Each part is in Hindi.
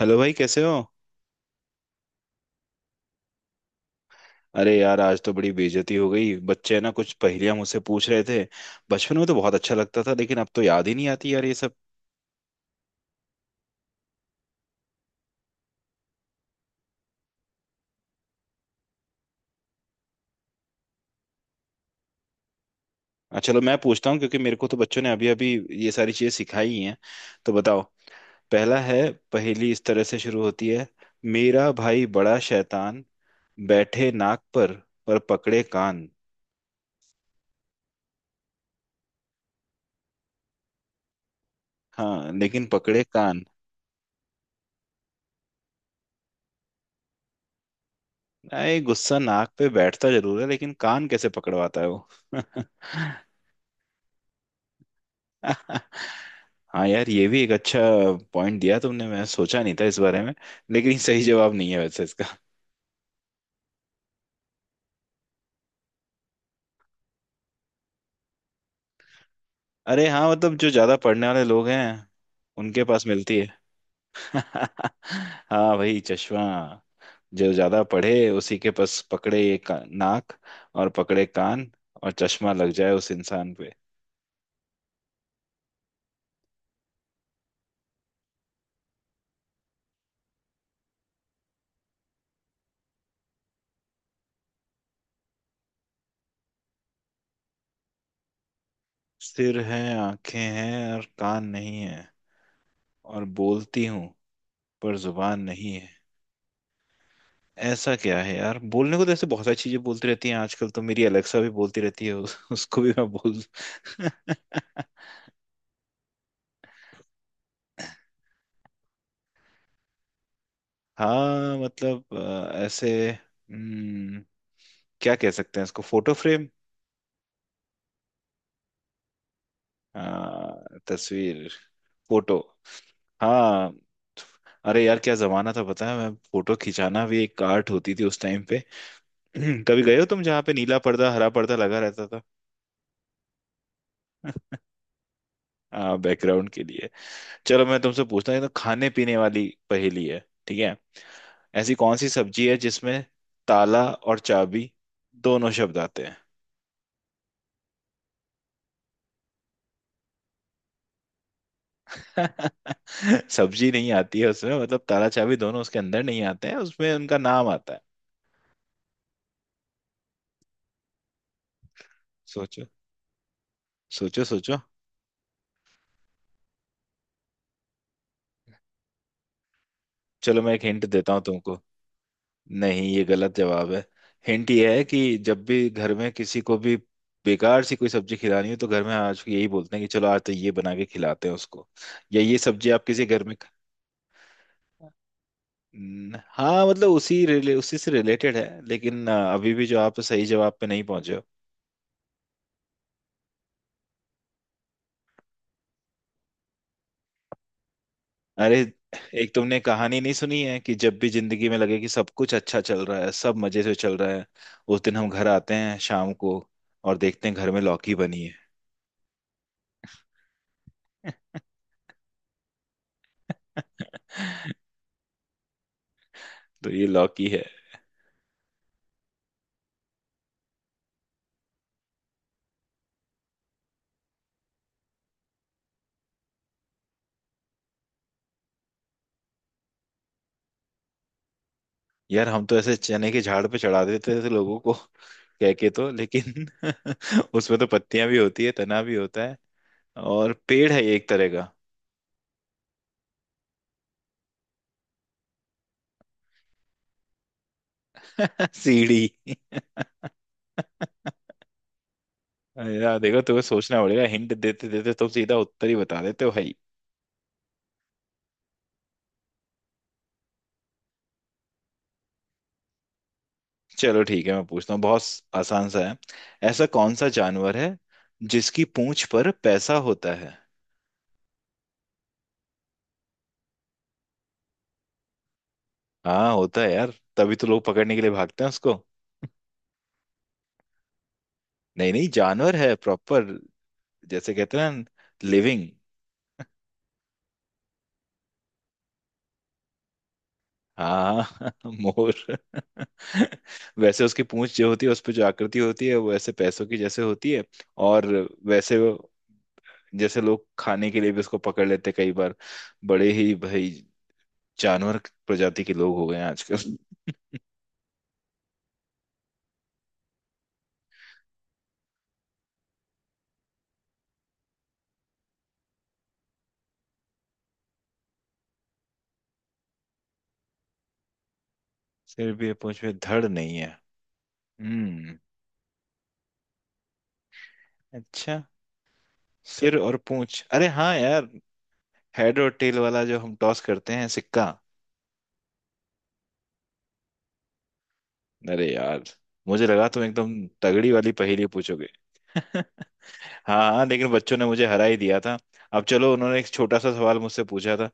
हेलो भाई, कैसे हो। अरे यार, आज तो बड़ी बेइज्जती हो गई। बच्चे ना कुछ पहेलियां मुझसे पूछ रहे थे। बचपन में तो बहुत अच्छा लगता था, लेकिन अब तो याद ही नहीं आती यार ये सब। अच्छा, चलो मैं पूछता हूँ, क्योंकि मेरे को तो बच्चों ने अभी अभी ये सारी चीजें सिखाई ही हैं। तो बताओ, पहला है। पहेली इस तरह से शुरू होती है। मेरा भाई बड़ा शैतान, बैठे नाक पर पकड़े कान। हाँ, लेकिन पकड़े कान। अरे, गुस्सा नाक पे बैठता जरूर है, लेकिन कान कैसे पकड़वाता है वो। हाँ यार, ये भी एक अच्छा पॉइंट दिया तुमने, मैं सोचा नहीं था इस बारे में। लेकिन सही जवाब नहीं है वैसे इसका। अरे हाँ, मतलब जो ज्यादा पढ़ने वाले लोग हैं, उनके पास मिलती है। हाँ भाई, चश्मा। जो ज्यादा पढ़े उसी के पास पकड़े ये का, नाक और पकड़े कान, और चश्मा लग जाए उस इंसान पे। सिर है, आंखें हैं और कान नहीं है, और बोलती हूँ पर जुबान नहीं। ऐसा क्या है यार, बोलने को तो ऐसे बहुत सारी चीजें बोलती रहती हैं। आजकल तो मेरी अलेक्सा भी बोलती रहती है, उसको भी मैं बोल। हाँ मतलब ऐसे क्या कह सकते हैं इसको, फोटो फ्रेम। हाँ, तस्वीर। फोटो। हाँ। अरे यार, क्या जमाना था पता है। मैं, फोटो खिंचाना भी एक आर्ट होती थी उस टाइम पे। कभी गए हो तुम जहाँ पे नीला पर्दा, हरा पर्दा लगा रहता था। बैकग्राउंड के लिए। चलो, मैं तुमसे पूछता हूँ। ये तो खाने पीने वाली पहेली है, ठीक है। ऐसी कौन सी सब्जी है जिसमें ताला और चाबी दोनों शब्द आते हैं। सब्जी नहीं आती है उसमें, मतलब ताला चाबी दोनों उसके अंदर नहीं आते हैं, उसमें उनका नाम आता है। सोचो, सोचो, सोचो। चलो, मैं एक हिंट देता हूँ तुमको। नहीं, ये गलत जवाब है। हिंट ये है कि जब भी घर में किसी को भी बेकार सी कोई सब्जी खिलानी हो, तो घर में आज यही बोलते हैं कि चलो आज तो ये बना के खिलाते हैं उसको, या ये सब्जी आप किसी घर में। हाँ, मतलब उसी से रिलेटेड है, लेकिन अभी भी जो आप सही जवाब पे नहीं पहुंचे हो। अरे, एक तुमने कहानी नहीं सुनी है कि जब भी जिंदगी में लगे कि सब कुछ अच्छा चल रहा है, सब मजे से चल रहा है, उस दिन हम घर आते हैं शाम को और देखते हैं घर में लौकी बनी है। तो ये लौकी है। यार, हम तो ऐसे चने के झाड़ पे चढ़ा देते थे लोगों को कह के तो, लेकिन उसमें तो पत्तियां भी होती है, तना भी होता है, और पेड़ है ये एक तरह का। सीढ़ी। यार देखो, तुम्हें सोचना पड़ेगा। हिंट देते देते तुम सीधा उत्तर ही बता देते हो भाई। चलो ठीक है, मैं पूछता हूँ। बहुत आसान सा है। ऐसा कौन सा जानवर है जिसकी पूंछ पर पैसा होता है। हाँ, होता है यार, तभी तो लोग पकड़ने के लिए भागते हैं उसको। नहीं नहीं, जानवर है प्रॉपर। जैसे कहते हैं ना, लिविंग। हाँ मोर। वैसे उसकी पूंछ जो होती है, उस पर जो आकृति होती है वो ऐसे पैसों की जैसे होती है। और वैसे वो, जैसे लोग खाने के लिए भी उसको पकड़ लेते हैं कई बार। बड़े ही भाई जानवर प्रजाति के लोग हो गए हैं आजकल। सिर भी है, पूंछ में धड़ नहीं है। हम्म अच्छा, सिर और पूंछ, अरे हाँ यार, हेड और टेल वाला जो हम टॉस करते हैं, सिक्का। अरे यार, मुझे लगा तुम एकदम तगड़ी वाली पहेली पूछोगे। हाँ हाँ, लेकिन बच्चों ने मुझे हरा ही दिया था। अब चलो, उन्होंने एक छोटा सा सवाल मुझसे पूछा था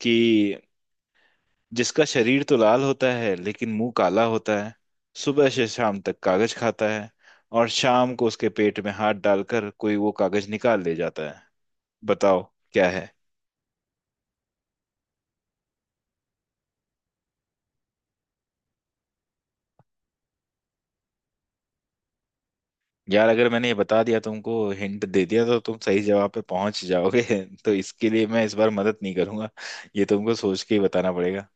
कि जिसका शरीर तो लाल होता है लेकिन मुंह काला होता है, सुबह से शाम तक कागज खाता है, और शाम को उसके पेट में हाथ डालकर कोई वो कागज निकाल ले जाता है। बताओ, क्या है। यार, अगर मैंने ये बता दिया तुमको, हिंट दे दिया, तो तुम सही जवाब पे पहुंच जाओगे। तो इसके लिए मैं इस बार मदद नहीं करूंगा। ये तुमको सोच के ही बताना पड़ेगा।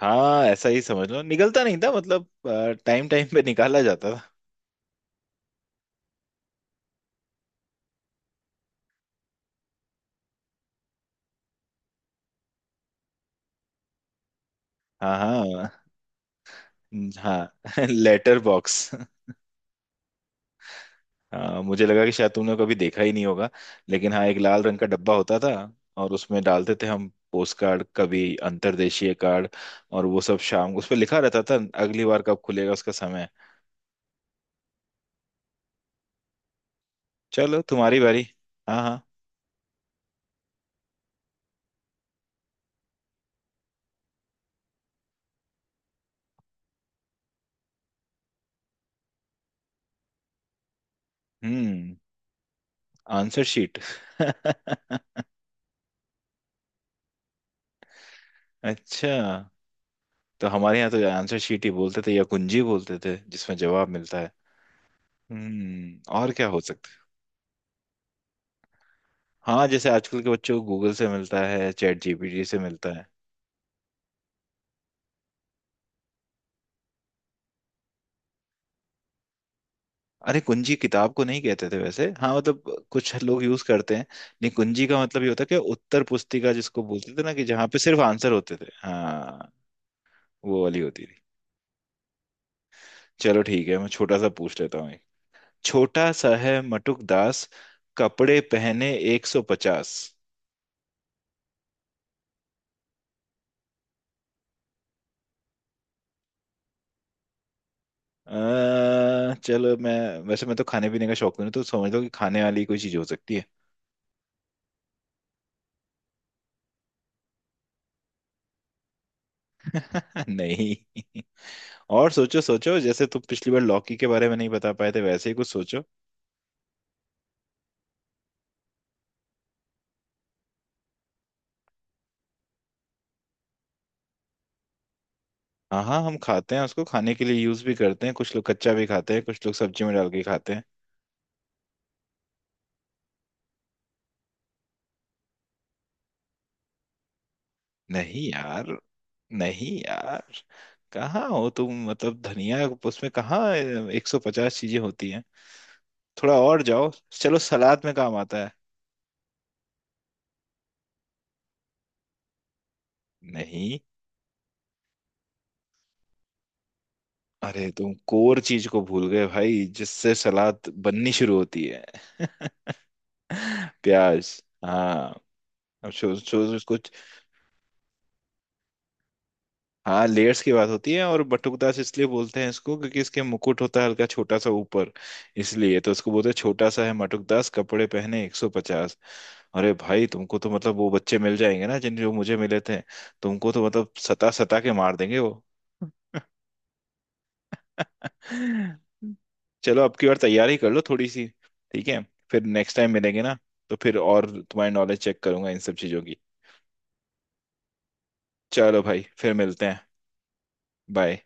हाँ, ऐसा ही समझ लो। निकलता नहीं था, मतलब टाइम टाइम पे निकाला जाता था। हाँ, हाँ, हाँ। Letter box. हाँ, मुझे लगा कि शायद तुमने कभी देखा ही नहीं होगा। लेकिन हाँ, एक लाल रंग का डब्बा होता था, और उसमें डालते थे हम पोस्ट कार्ड, कभी अंतर्देशीय कार्ड। और वो सब शाम को, उस पर लिखा रहता था अगली बार कब खुलेगा, उसका समय। चलो, तुम्हारी बारी। हाँ हाँ। हम्म आंसर शीट। अच्छा, तो हमारे यहाँ तो आंसर शीट ही बोलते थे, या कुंजी बोलते थे जिसमें जवाब मिलता है। हम्म, और क्या हो सकता है। हाँ, जैसे आजकल के बच्चों को गूगल से मिलता है, चैट जीपीटी से मिलता है। अरे, कुंजी किताब को नहीं कहते थे वैसे। हाँ मतलब कुछ लोग यूज करते हैं। नहीं, कुंजी का मतलब ये होता है कि उत्तर पुस्तिका जिसको बोलते थे ना, कि जहाँ पे सिर्फ आंसर होते थे। हाँ, वो वाली होती थी। चलो ठीक है, मैं छोटा सा पूछ लेता हूँ एक। छोटा सा है मटुक दास, कपड़े पहने 150। अः चलो मैं, वैसे मैं तो खाने पीने का शौकीन हूँ, तो समझ लो कि खाने वाली कोई चीज हो सकती है। नहीं, और सोचो सोचो। जैसे तुम पिछली बार लौकी के बारे में नहीं बता पाए थे, वैसे ही कुछ सोचो। हाँ हाँ, हम खाते हैं उसको, खाने के लिए यूज भी करते हैं। कुछ लोग कच्चा भी खाते हैं, कुछ लोग सब्जी में डाल के खाते हैं। नहीं यार, नहीं यार, कहाँ हो तुम। मतलब धनिया उसमें कहाँ एक सौ पचास चीजें होती हैं। थोड़ा और जाओ, चलो सलाद में काम आता है। नहीं। अरे, तुम कोर चीज को भूल गए भाई, जिससे सलाद बननी शुरू होती है। प्याज, हाँ। अब सोच सोच उसको। हाँ, लेयर्स की बात होती है। और बटुकदास इसलिए बोलते हैं इसको क्योंकि इसके मुकुट होता है, हल्का छोटा सा ऊपर। इसलिए तो इसको बोलते हैं, छोटा सा है मटुकदास कपड़े पहने 150। अरे भाई, तुमको तो मतलब वो बच्चे मिल जाएंगे ना, जिन जो मुझे मिले थे। तुमको तो मतलब सता सता के मार देंगे वो। चलो, अब की बार तैयारी कर लो थोड़ी सी, ठीक है। फिर नेक्स्ट टाइम मिलेंगे ना, तो फिर और तुम्हारी नॉलेज चेक करूंगा इन सब चीजों की। चलो भाई, फिर मिलते हैं। बाय।